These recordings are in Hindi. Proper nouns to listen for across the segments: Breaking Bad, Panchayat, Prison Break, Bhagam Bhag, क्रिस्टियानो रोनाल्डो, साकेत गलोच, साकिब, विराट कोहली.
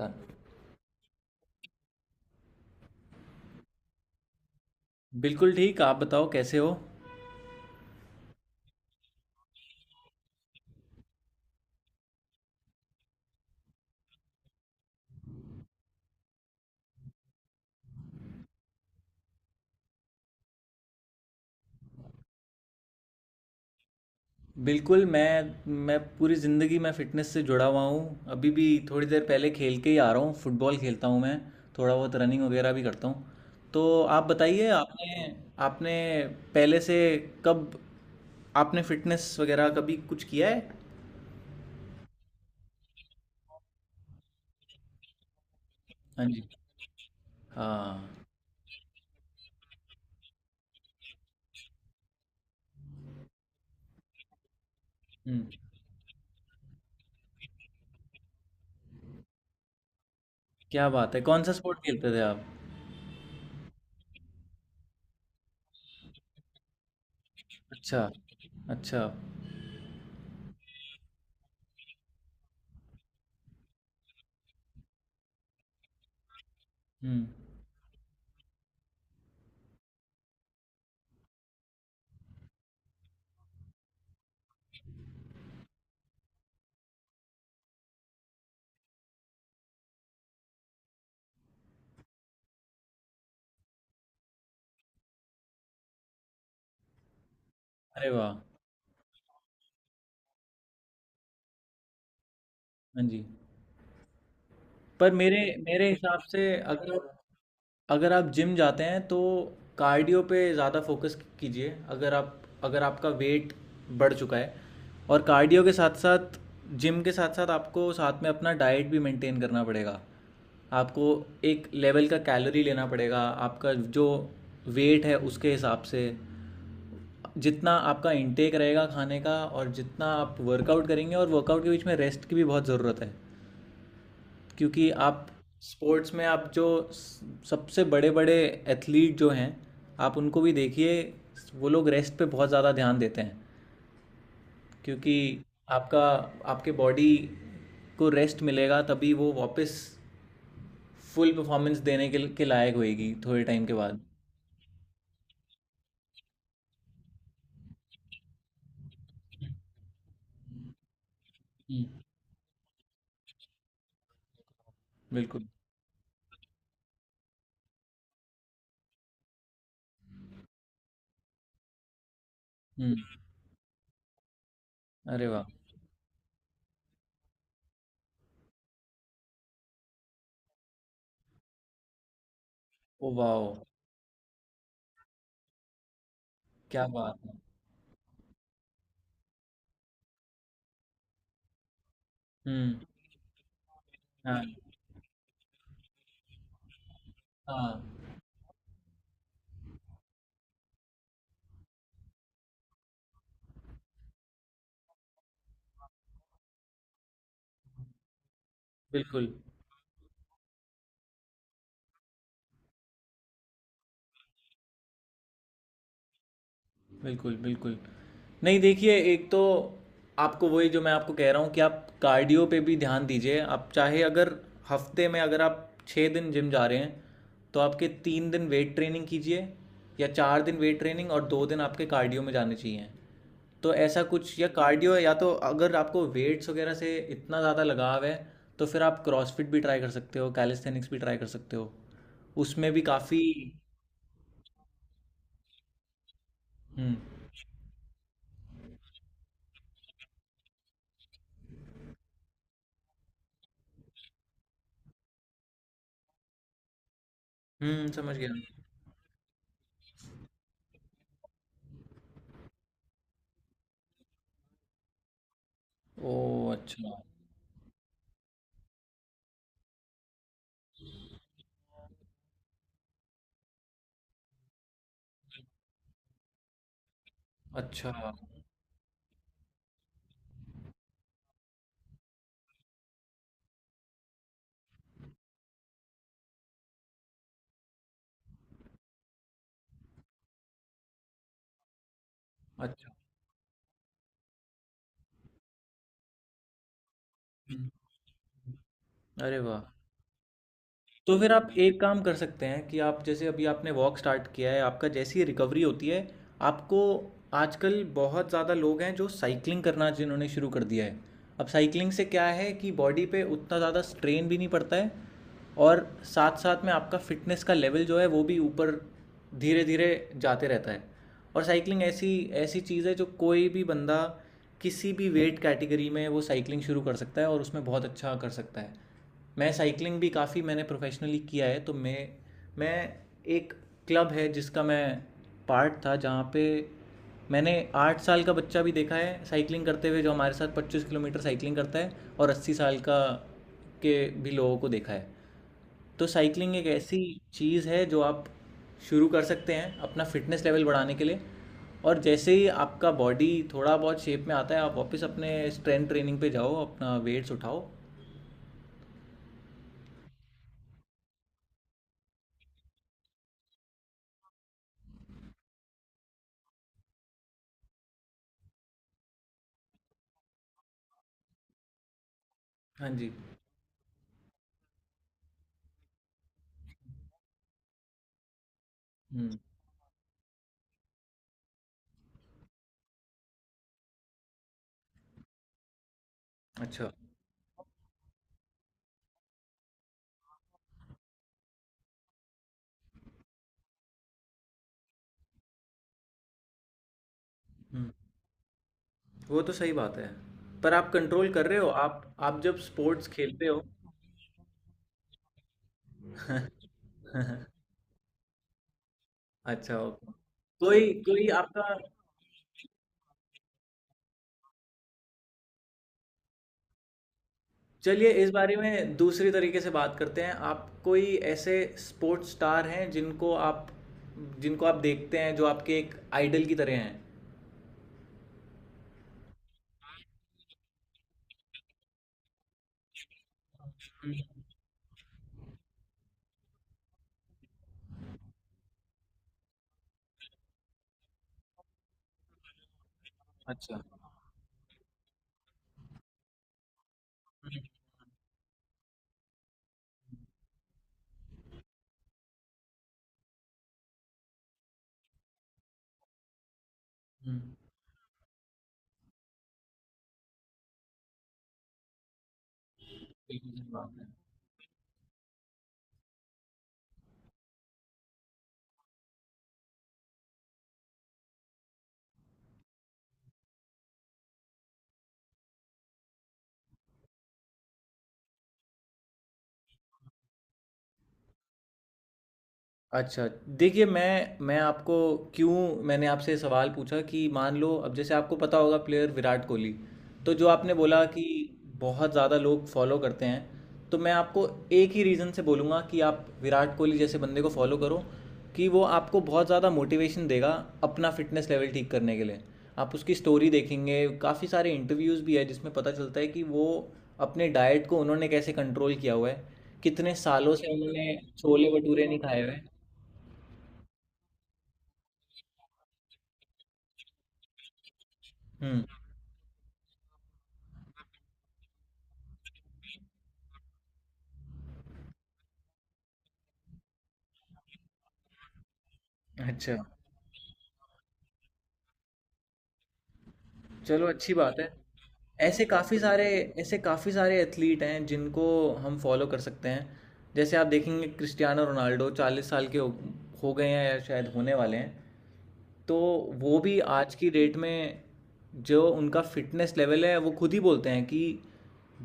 हाँ, बिल्कुल ठीक। आप बताओ कैसे हो। बिल्कुल। मैं पूरी ज़िंदगी मैं फ़िटनेस से जुड़ा हुआ हूँ, अभी भी थोड़ी देर पहले खेल के ही आ रहा हूँ। फुटबॉल खेलता हूँ मैं, थोड़ा बहुत रनिंग वगैरह भी करता हूँ। तो आप बताइए, आपने आपने पहले से कब आपने फ़िटनेस वगैरह कभी कुछ किया है? हाँ जी। हाँ। हम्म। क्या बात है! कौन सा स्पोर्ट खेलते थे आप? अच्छा। अच्छा। हम्म। अरे वाह! हाँ जी। पर मेरे मेरे हिसाब से, अगर आप जिम जाते हैं तो कार्डियो पे ज़्यादा फोकस कीजिए। अगर आपका वेट बढ़ चुका है, और कार्डियो के साथ साथ जिम के साथ साथ आपको साथ में अपना डाइट भी मेंटेन करना पड़ेगा। आपको एक लेवल का कैलोरी लेना पड़ेगा, आपका जो वेट है उसके हिसाब से। जितना आपका इंटेक रहेगा खाने का और जितना आप वर्कआउट करेंगे, और वर्कआउट के बीच में रेस्ट की भी बहुत ज़रूरत है। क्योंकि आप स्पोर्ट्स में आप जो सबसे बड़े बड़े एथलीट जो हैं, आप उनको भी देखिए, वो लोग रेस्ट पे बहुत ज़्यादा ध्यान देते हैं। क्योंकि आपका आपके बॉडी को रेस्ट मिलेगा तभी वो वापस फुल परफॉर्मेंस देने के लायक होएगी थोड़े टाइम के बाद। बिल्कुल। हम्म। अरे वाह! ओ वाह! क्या बात है! हम्म। हाँ। हाँ। बिल्कुल, बिल्कुल, बिल्कुल। नहीं, देखिए, एक तो आपको वही जो मैं आपको कह रहा हूँ कि आप कार्डियो पे भी ध्यान दीजिए। आप चाहे, अगर हफ्ते में अगर आप 6 दिन जिम जा रहे हैं, तो आपके 3 दिन वेट ट्रेनिंग कीजिए, या 4 दिन वेट ट्रेनिंग और 2 दिन आपके कार्डियो में जाने चाहिए। तो ऐसा कुछ, या कार्डियो, या तो अगर आपको वेट्स वगैरह से इतना ज़्यादा लगाव है तो फिर आप क्रॉसफिट भी ट्राई कर सकते हो, कैलिस्थेनिक्स भी ट्राई कर सकते हो, उसमें भी काफ़ी। हम्म। हम्म, समझ गया। ओ, अच्छा। अच्छा, अच्छा। हुँ, हुँ। अरे वाह! तो फिर आप एक काम कर सकते हैं कि आप जैसे अभी आपने वॉक स्टार्ट किया है, आपका जैसी ही रिकवरी होती है, आपको आजकल बहुत ज़्यादा लोग हैं जो साइकिलिंग करना जिन्होंने शुरू कर दिया है। अब साइकिलिंग से क्या है कि बॉडी पे उतना ज़्यादा स्ट्रेन भी नहीं पड़ता है, और साथ साथ में आपका फिटनेस का लेवल जो है वो भी ऊपर धीरे धीरे जाते रहता है। और साइकिलिंग ऐसी ऐसी चीज़ है जो कोई भी बंदा किसी भी वेट कैटेगरी में वो साइकिलिंग शुरू कर सकता है और उसमें बहुत अच्छा कर सकता है। मैं साइकिलिंग भी काफ़ी मैंने प्रोफेशनली किया है। तो मैं एक क्लब है जिसका मैं पार्ट था, जहाँ पे मैंने 8 साल का बच्चा भी देखा है साइकिलिंग करते हुए, जो हमारे साथ 25 किलोमीटर साइकिलिंग करता है। और 80 साल का के भी लोगों को देखा है। तो साइकिलिंग एक ऐसी चीज़ है जो आप शुरू कर सकते हैं अपना फिटनेस लेवल बढ़ाने के लिए, और जैसे ही आपका बॉडी थोड़ा बहुत शेप में आता है आप वापस अपने स्ट्रेंथ ट्रेनिंग पे जाओ, अपना वेट्स उठाओ। हाँ जी। हम्म। अच्छा। हुँ, वो तो सही बात है। पर आप कंट्रोल कर रहे हो, आप जब स्पोर्ट्स खेलते हो। अच्छा, ओके। कोई कोई आपका चलिए, इस बारे में दूसरी तरीके से बात करते हैं। आप कोई ऐसे स्पोर्ट्स स्टार हैं, जिनको आप देखते हैं, जो आपके एक आइडल की तरह हैं? अच्छा। हुँ, हुँ। बिल्कुल सही बात है। अच्छा, देखिए मैं आपको क्यों मैंने आपसे सवाल पूछा कि मान लो, अब जैसे आपको पता होगा, प्लेयर विराट कोहली, तो जो आपने बोला कि बहुत ज़्यादा लोग फॉलो करते हैं, तो मैं आपको एक ही रीज़न से बोलूँगा कि आप विराट कोहली जैसे बंदे को फॉलो करो, कि वो आपको बहुत ज़्यादा मोटिवेशन देगा अपना फिटनेस लेवल ठीक करने के लिए। आप उसकी स्टोरी देखेंगे, काफ़ी सारे इंटरव्यूज़ भी है जिसमें पता चलता है कि वो अपने डाइट को उन्होंने कैसे कंट्रोल किया हुआ है, कितने सालों से उन्होंने छोले भटूरे नहीं खाए हुए। हुँ। अच्छा, चलो अच्छी बात है। ऐसे काफ़ी सारे ऐसे काफ़ी सारे एथलीट हैं जिनको हम फॉलो कर सकते हैं। जैसे आप देखेंगे, क्रिस्टियानो रोनाल्डो 40 साल के हो गए हैं या शायद होने वाले हैं। तो वो भी आज की डेट में, जो उनका फ़िटनेस लेवल है, वो खुद ही बोलते हैं कि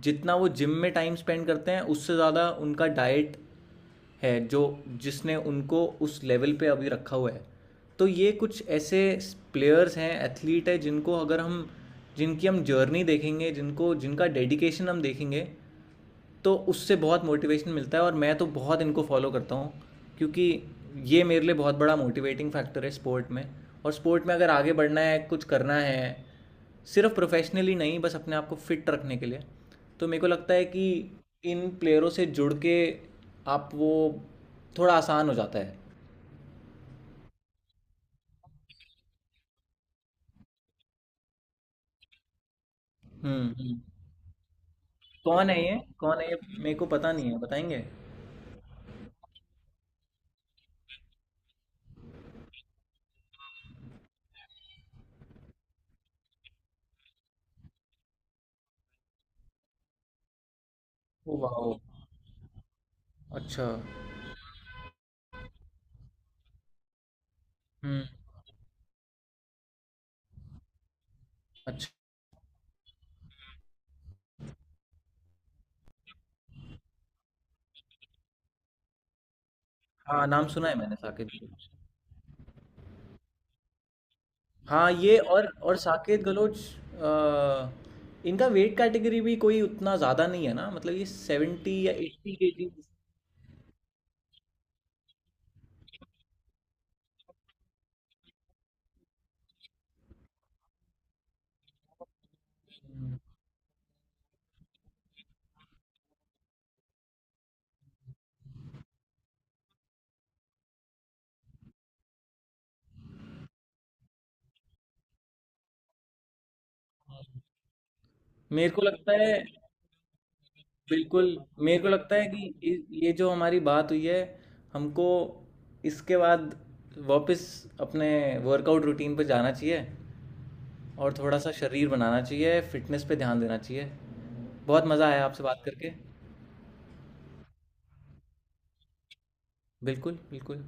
जितना वो जिम में टाइम स्पेंड करते हैं उससे ज़्यादा उनका डाइट है जो जिसने उनको उस लेवल पे अभी रखा हुआ है। तो ये कुछ ऐसे प्लेयर्स हैं, एथलीट है, जिनको अगर हम जिनकी हम जर्नी देखेंगे, जिनको जिनका डेडिकेशन हम देखेंगे, तो उससे बहुत मोटिवेशन मिलता है। और मैं तो बहुत इनको फॉलो करता हूँ, क्योंकि ये मेरे लिए बहुत बड़ा मोटिवेटिंग फैक्टर है स्पोर्ट में। और स्पोर्ट में अगर आगे बढ़ना है, कुछ करना है, सिर्फ प्रोफेशनली नहीं, बस अपने आप को फिट रखने के लिए, तो मेरे को लगता है कि इन प्लेयरों से जुड़ के आप वो थोड़ा आसान हो जाता है। हम्म, कौन है ये, मेरे को पता नहीं है, बताएंगे। ओ वाह। अच्छा। हम्म। अच्छा। हाँ, नाम सुना है मैंने, साकिब। हाँ, ये और साकेत गलोच। अ, इनका वेट कैटेगरी भी कोई उतना ज़्यादा नहीं है ना, मतलब ये 70 या 80 केजी। मेरे को लगता है बिल्कुल। मेरे को लगता है कि ये जो हमारी बात हुई है, हमको इसके बाद वापस अपने वर्कआउट रूटीन पर जाना चाहिए, और थोड़ा सा शरीर बनाना चाहिए, फिटनेस पे ध्यान देना चाहिए। बहुत मज़ा आया आपसे बात करके। बिल्कुल, बिल्कुल।